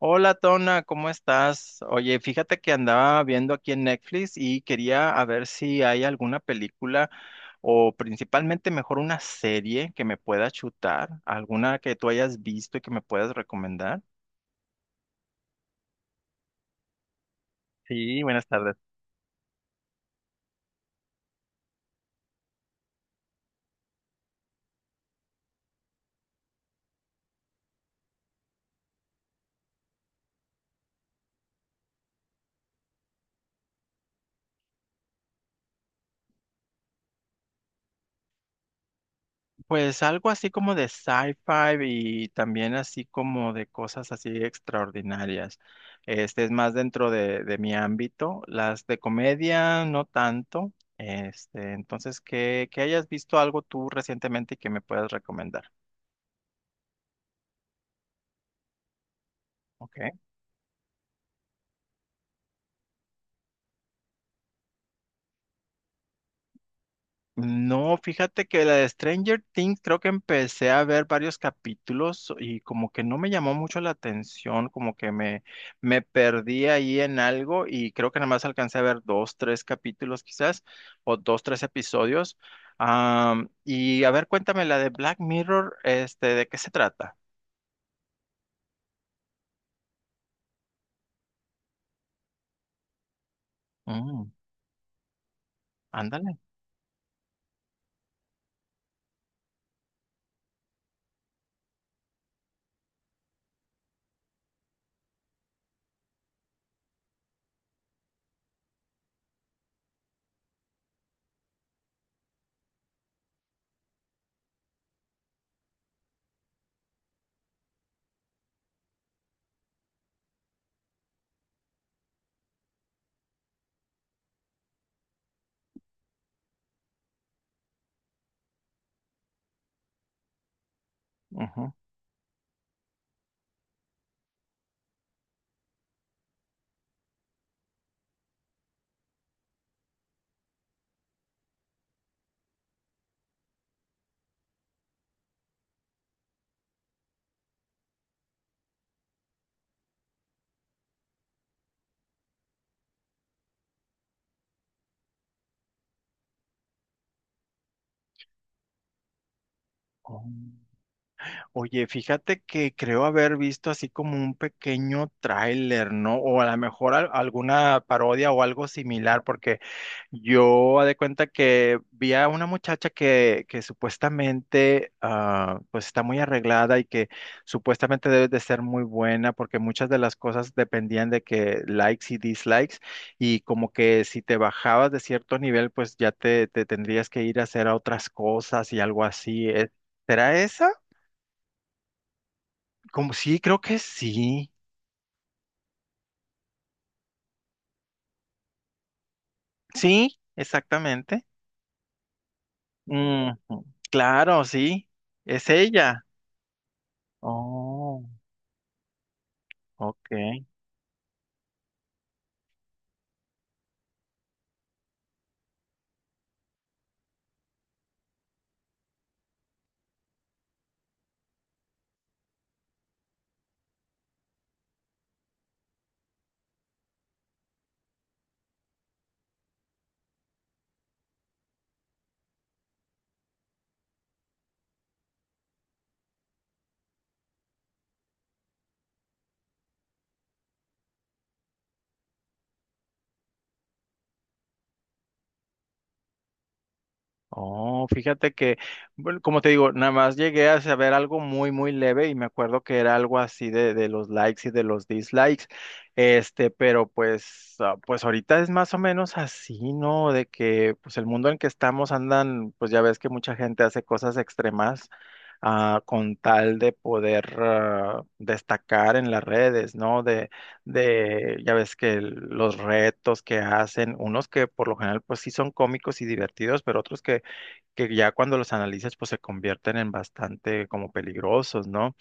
Hola Tona, ¿cómo estás? Oye, fíjate que andaba viendo aquí en Netflix y quería a ver si hay alguna película o principalmente mejor una serie que me pueda chutar, alguna que tú hayas visto y que me puedas recomendar. Sí, buenas tardes. Pues algo así como de sci-fi y también así como de cosas así extraordinarias. Este es más dentro de mi ámbito. Las de comedia no tanto. Este, entonces que hayas visto algo tú recientemente y que me puedas recomendar. ¿Ok? No, fíjate que la de Stranger Things creo que empecé a ver varios capítulos y como que no me llamó mucho la atención, me perdí ahí en algo y creo que nada más alcancé a ver dos, tres capítulos quizás, o dos, tres episodios. Y a ver, cuéntame la de Black Mirror, este, ¿de qué se trata? Mm, ándale. Ujú. Oh. Oye, fíjate que creo haber visto así como un pequeño tráiler, ¿no? O a lo mejor alguna parodia o algo similar, porque yo haz de cuenta que vi a una muchacha que supuestamente pues está muy arreglada y que supuestamente debe de ser muy buena, porque muchas de las cosas dependían de que likes y dislikes, y como que si te bajabas de cierto nivel, pues ya te tendrías que ir a hacer a otras cosas y algo así. ¿Eh? ¿Será esa? Como sí, creo que sí. Sí, exactamente. Ujú, claro, sí. Es ella. Oh, ok. Oh, fíjate que, bueno, como te digo, nada más llegué a saber algo muy, muy leve y me acuerdo que era algo así de los likes y de los dislikes, este, pero pues, pues ahorita es más o menos así, ¿no? De que, pues el mundo en que estamos andan, pues ya ves que mucha gente hace cosas extremas, con tal de poder, destacar en las redes, ¿no? Ya ves que los retos que hacen, unos que por lo general, pues sí son cómicos y divertidos, pero otros que ya cuando los analizas pues se convierten en bastante como peligrosos, ¿no?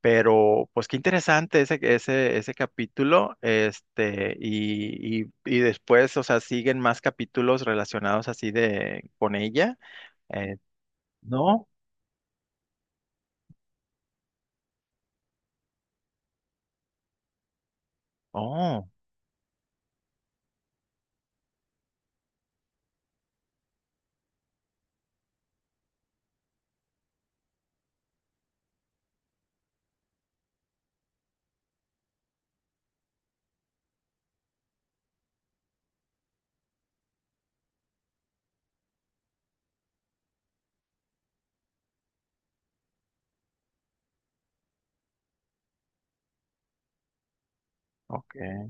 Pero pues qué interesante ese ese capítulo, este, y después, o sea, siguen más capítulos relacionados así de con ella, eh, ¿no? Oh, ok.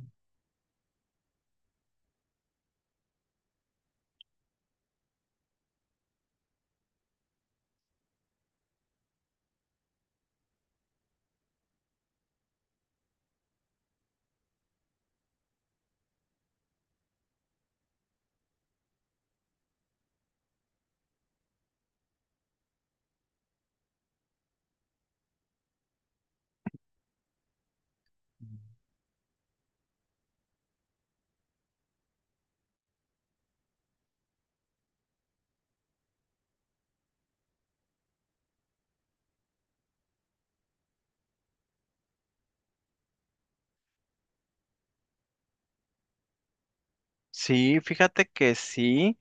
Sí, fíjate que sí.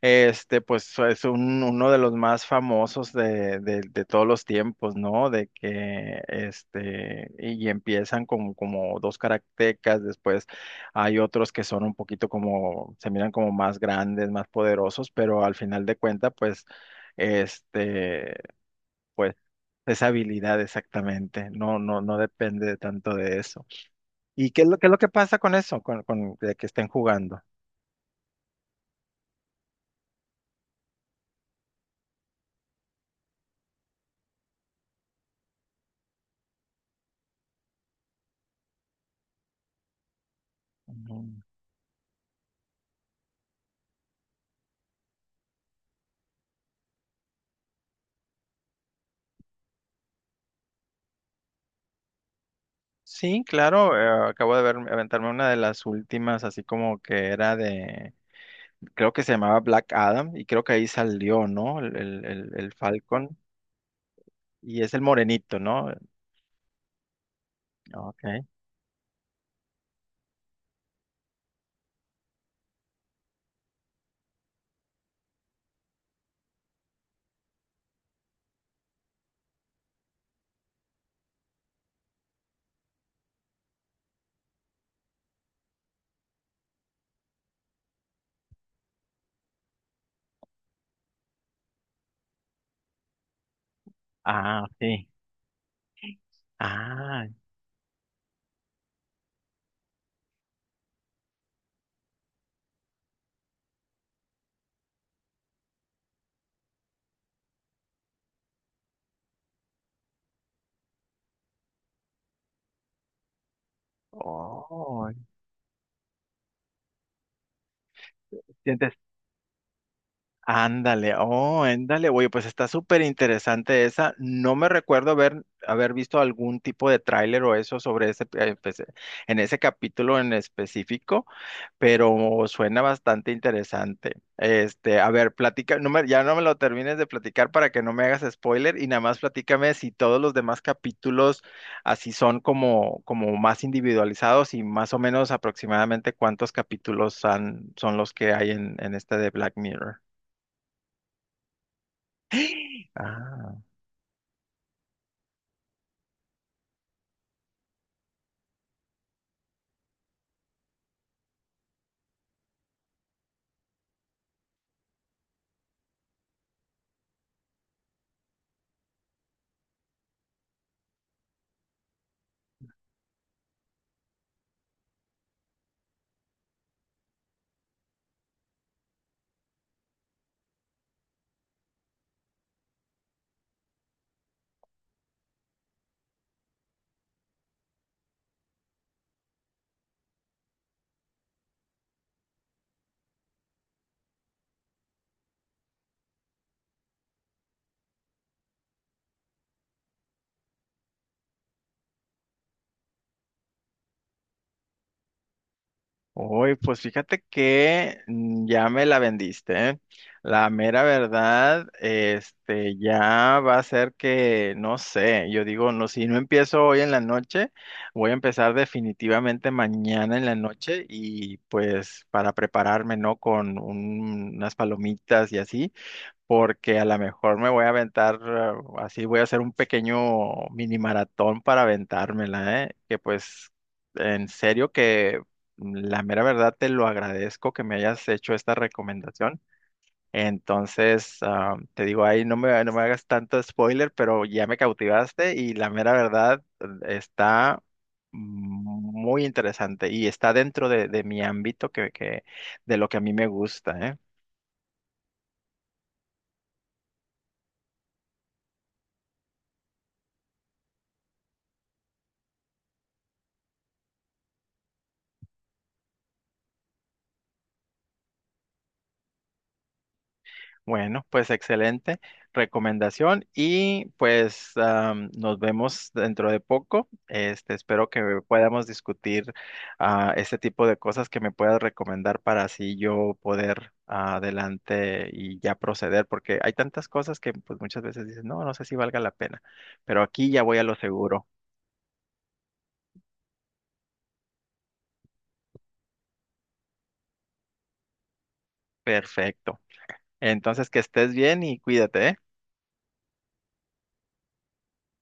Este, pues es uno de los más famosos de todos los tiempos, ¿no? De que, este, y empiezan con como dos karatecas, después hay otros que son un poquito como, se miran como más grandes, más poderosos, pero al final de cuenta, pues, este, pues, esa habilidad exactamente, no, no, no depende tanto de eso. ¿Y qué es qué es lo que pasa con eso, con de que estén jugando? Sí, claro, acabo de ver, aventarme una de las últimas, así como que era de, creo que se llamaba Black Adam, y creo que ahí salió, ¿no? El Falcon, y es el morenito, ¿no? Ok. Ah, sí. Ah, oh, sientes, ándale, oh, ándale, oye, pues está súper interesante esa. No me recuerdo haber, haber visto algún tipo de tráiler o eso sobre ese, pues, en ese capítulo en específico. Pero suena bastante interesante. Este, a ver, platica, ya no me lo termines de platicar para que no me hagas spoiler y nada más platícame si todos los demás capítulos así son como, como más individualizados y más o menos aproximadamente cuántos capítulos son los que hay en este de Black Mirror. Uy, pues fíjate que mm, ya me la vendiste, ¿eh? La mera verdad, este, ya va a ser que, no sé, yo digo, no, si no empiezo hoy en la noche, voy a empezar definitivamente mañana en la noche y pues para prepararme, ¿no? Con unas palomitas y así porque a lo mejor me voy a aventar, así voy a hacer un pequeño mini maratón para aventármela, ¿eh? Que pues, en serio que mm, la mera verdad te lo agradezco que me hayas hecho esta recomendación. Entonces, te digo, ahí no me hagas tanto spoiler, pero ya me cautivaste y la mera verdad está muy interesante y está dentro de mi ámbito de lo que a mí me gusta, ¿eh? Bueno, pues excelente recomendación y pues am, nos vemos dentro de poco. Este, espero que podamos discutir este tipo de cosas que me puedas recomendar para así yo poder adelante y ya proceder, porque hay tantas cosas que pues muchas veces dices, no, no sé si valga la pena, pero aquí ya voy a lo seguro. Perfecto. Entonces, que estés bien y cuídate, ¿eh?